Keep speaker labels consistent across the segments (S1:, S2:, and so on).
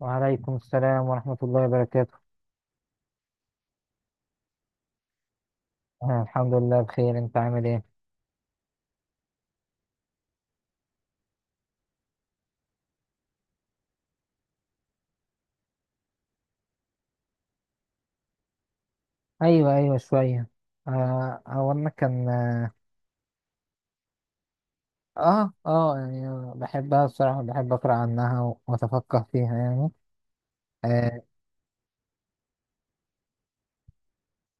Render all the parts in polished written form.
S1: وعليكم السلام ورحمة الله وبركاته. آه، الحمد لله بخير. انت عامل ايه؟ ايوه ايوه شوية. هو انا كان اه آه، يعني بحبها بصراحة. بحب اقرا عنها واتفقه فيها يعني. آه.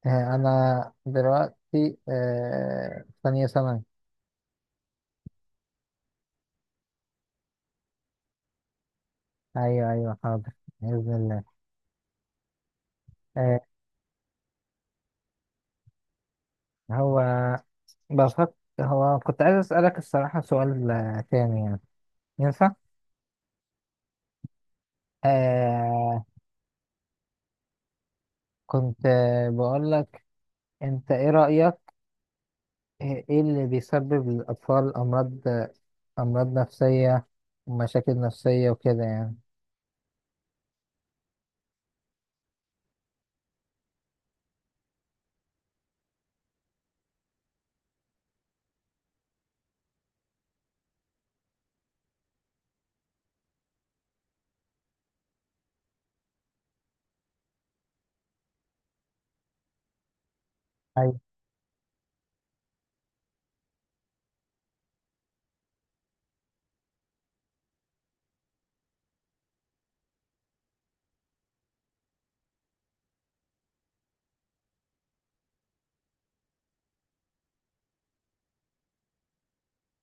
S1: انا دلوقتي في ثانية ثانوي. ايوه ايوه حاضر. بإذن الله. آه. هو. بفكر. هو كنت عايز اسألك الصراحة سؤال تاني يعني. ينفع؟ آه. كنت بقول لك. انت ايه رأيك؟ إيه اللي بيسبب للأطفال أمراض نفسية ومشاكل نفسية وكده يعني. أيوه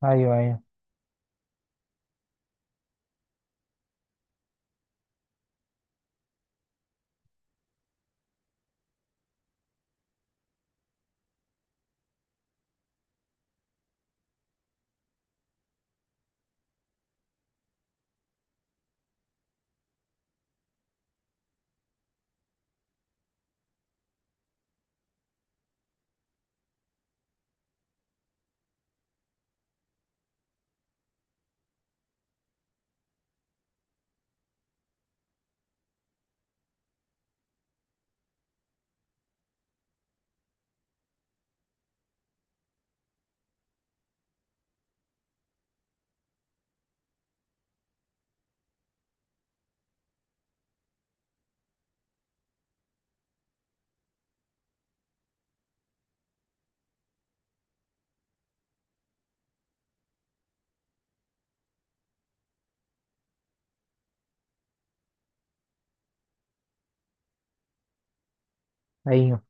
S1: أيوه أيوه أيوه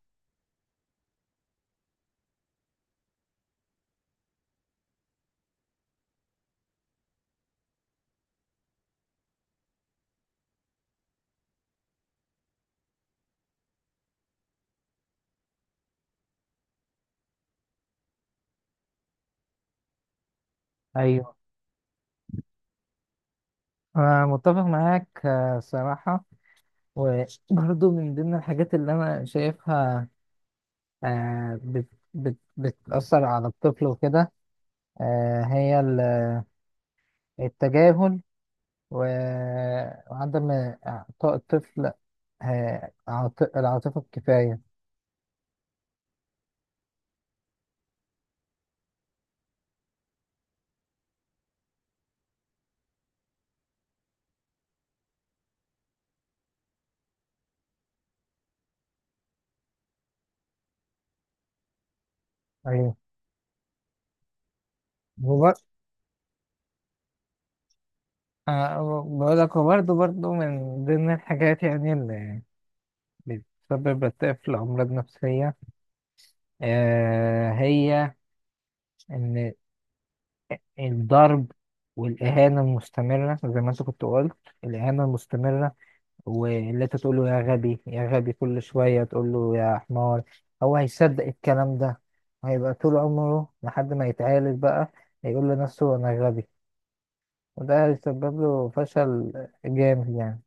S1: أيوه. أنا متفق معاك صراحة. وبرضه من ضمن الحاجات اللي أنا شايفها بت بت بتأثر على الطفل وكده. هي التجاهل و- وعدم إعطاء الطفل العاطفة الكفاية. أيوه. بقول لك هو برضه من ضمن الحاجات يعني اللي بتسبب الطفل أمراض نفسية. هي إن الضرب والإهانة المستمرة زي ما أنت كنت قلت. الإهانة المستمرة، واللي أنت تقول له يا غبي يا غبي كل شوية تقول له يا حمار هو هيصدق الكلام ده. هيبقى طول عمره لحد ما يتعالج بقى هيقول لنفسه أنا غبي. وده هيسبب له فشل جامد يعني.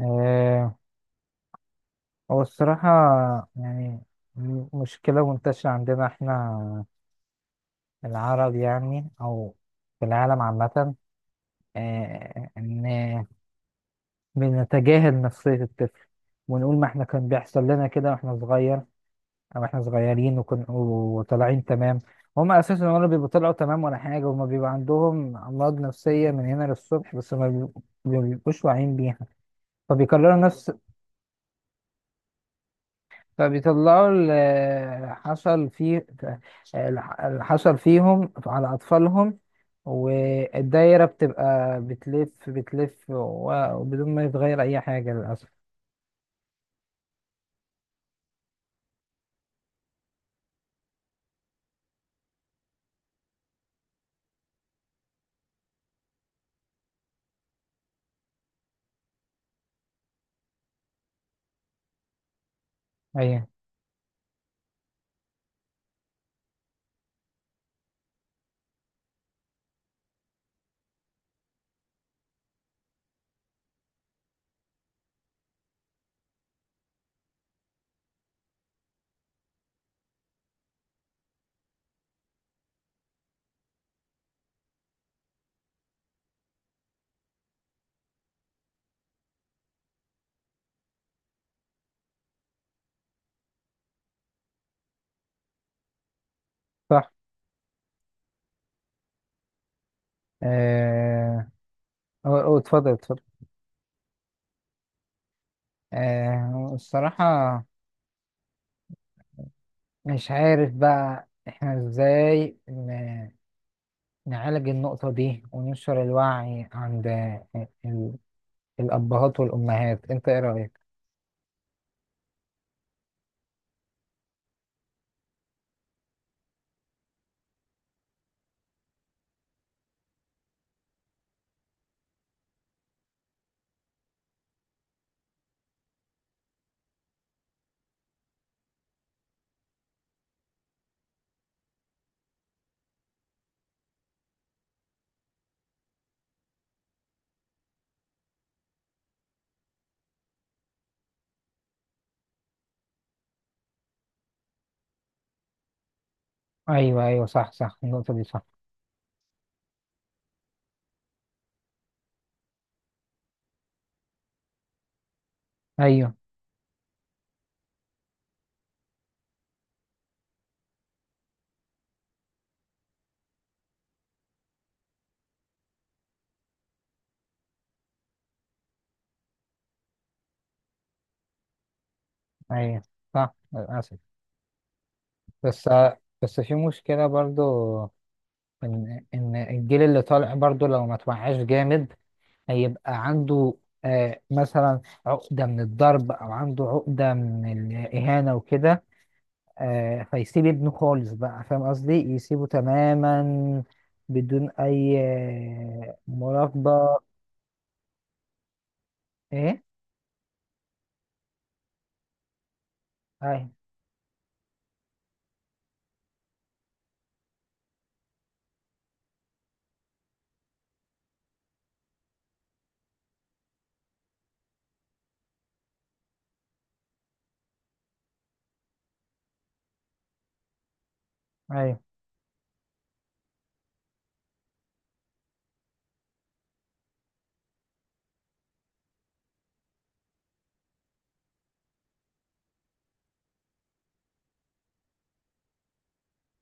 S1: أيوه. هو الصراحة يعني مشكلة منتشرة عندنا احنا العرب يعني أو في العالم عامة. إن بنتجاهل نفسية الطفل. ونقول ما احنا كان بيحصل لنا كده واحنا صغير أو احنا صغيرين وطالعين تمام. هما أساسا ولا بيبقوا طلعوا تمام ولا حاجة. هما بيبقى عندهم أمراض نفسية من هنا للصبح بس ما بيبقوش واعيين بيها. فبيكرروا نفس. فبيطلعوا اللي حصل فيهم على أطفالهم. والدايرة بتبقى بتلف بتلف وبدون ما يتغير أي حاجة للأسف. أيوة. صح. آه، أو اتفضل اتفضل. الصراحة مش عارف بقى احنا ازاي نعالج النقطة دي وننشر الوعي عند ال- الأبهات والأمهات. انت ايه رأيك؟ ايوه ايوه صح صح. النقطة دي صح. ايوه ايوه صح للاسف. بس. بس في مشكله برضو. ان الجيل اللي طالع برضو لو ما توعاش جامد هيبقى عنده مثلا عقده من الضرب او عنده عقده من الاهانه وكده. فيسيب ابنه خالص بقى. فاهم قصدي يسيبه تماما بدون اي مراقبه. ايه. ايوه ايوه.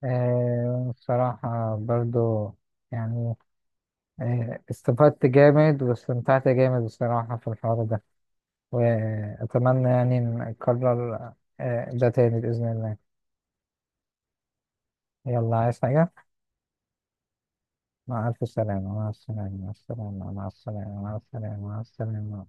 S1: بصراحه برضو يعني. استفدت جامد واستمتعت جامد بصراحة في الحوار ده. وأتمنى يعني نكرر ده تاني بإذن الله. يلا عايز حاجة؟ مع ألف سلامة. مع السلامة. مع السلامة. مع السلامة. مع السلامة. مع السلامة.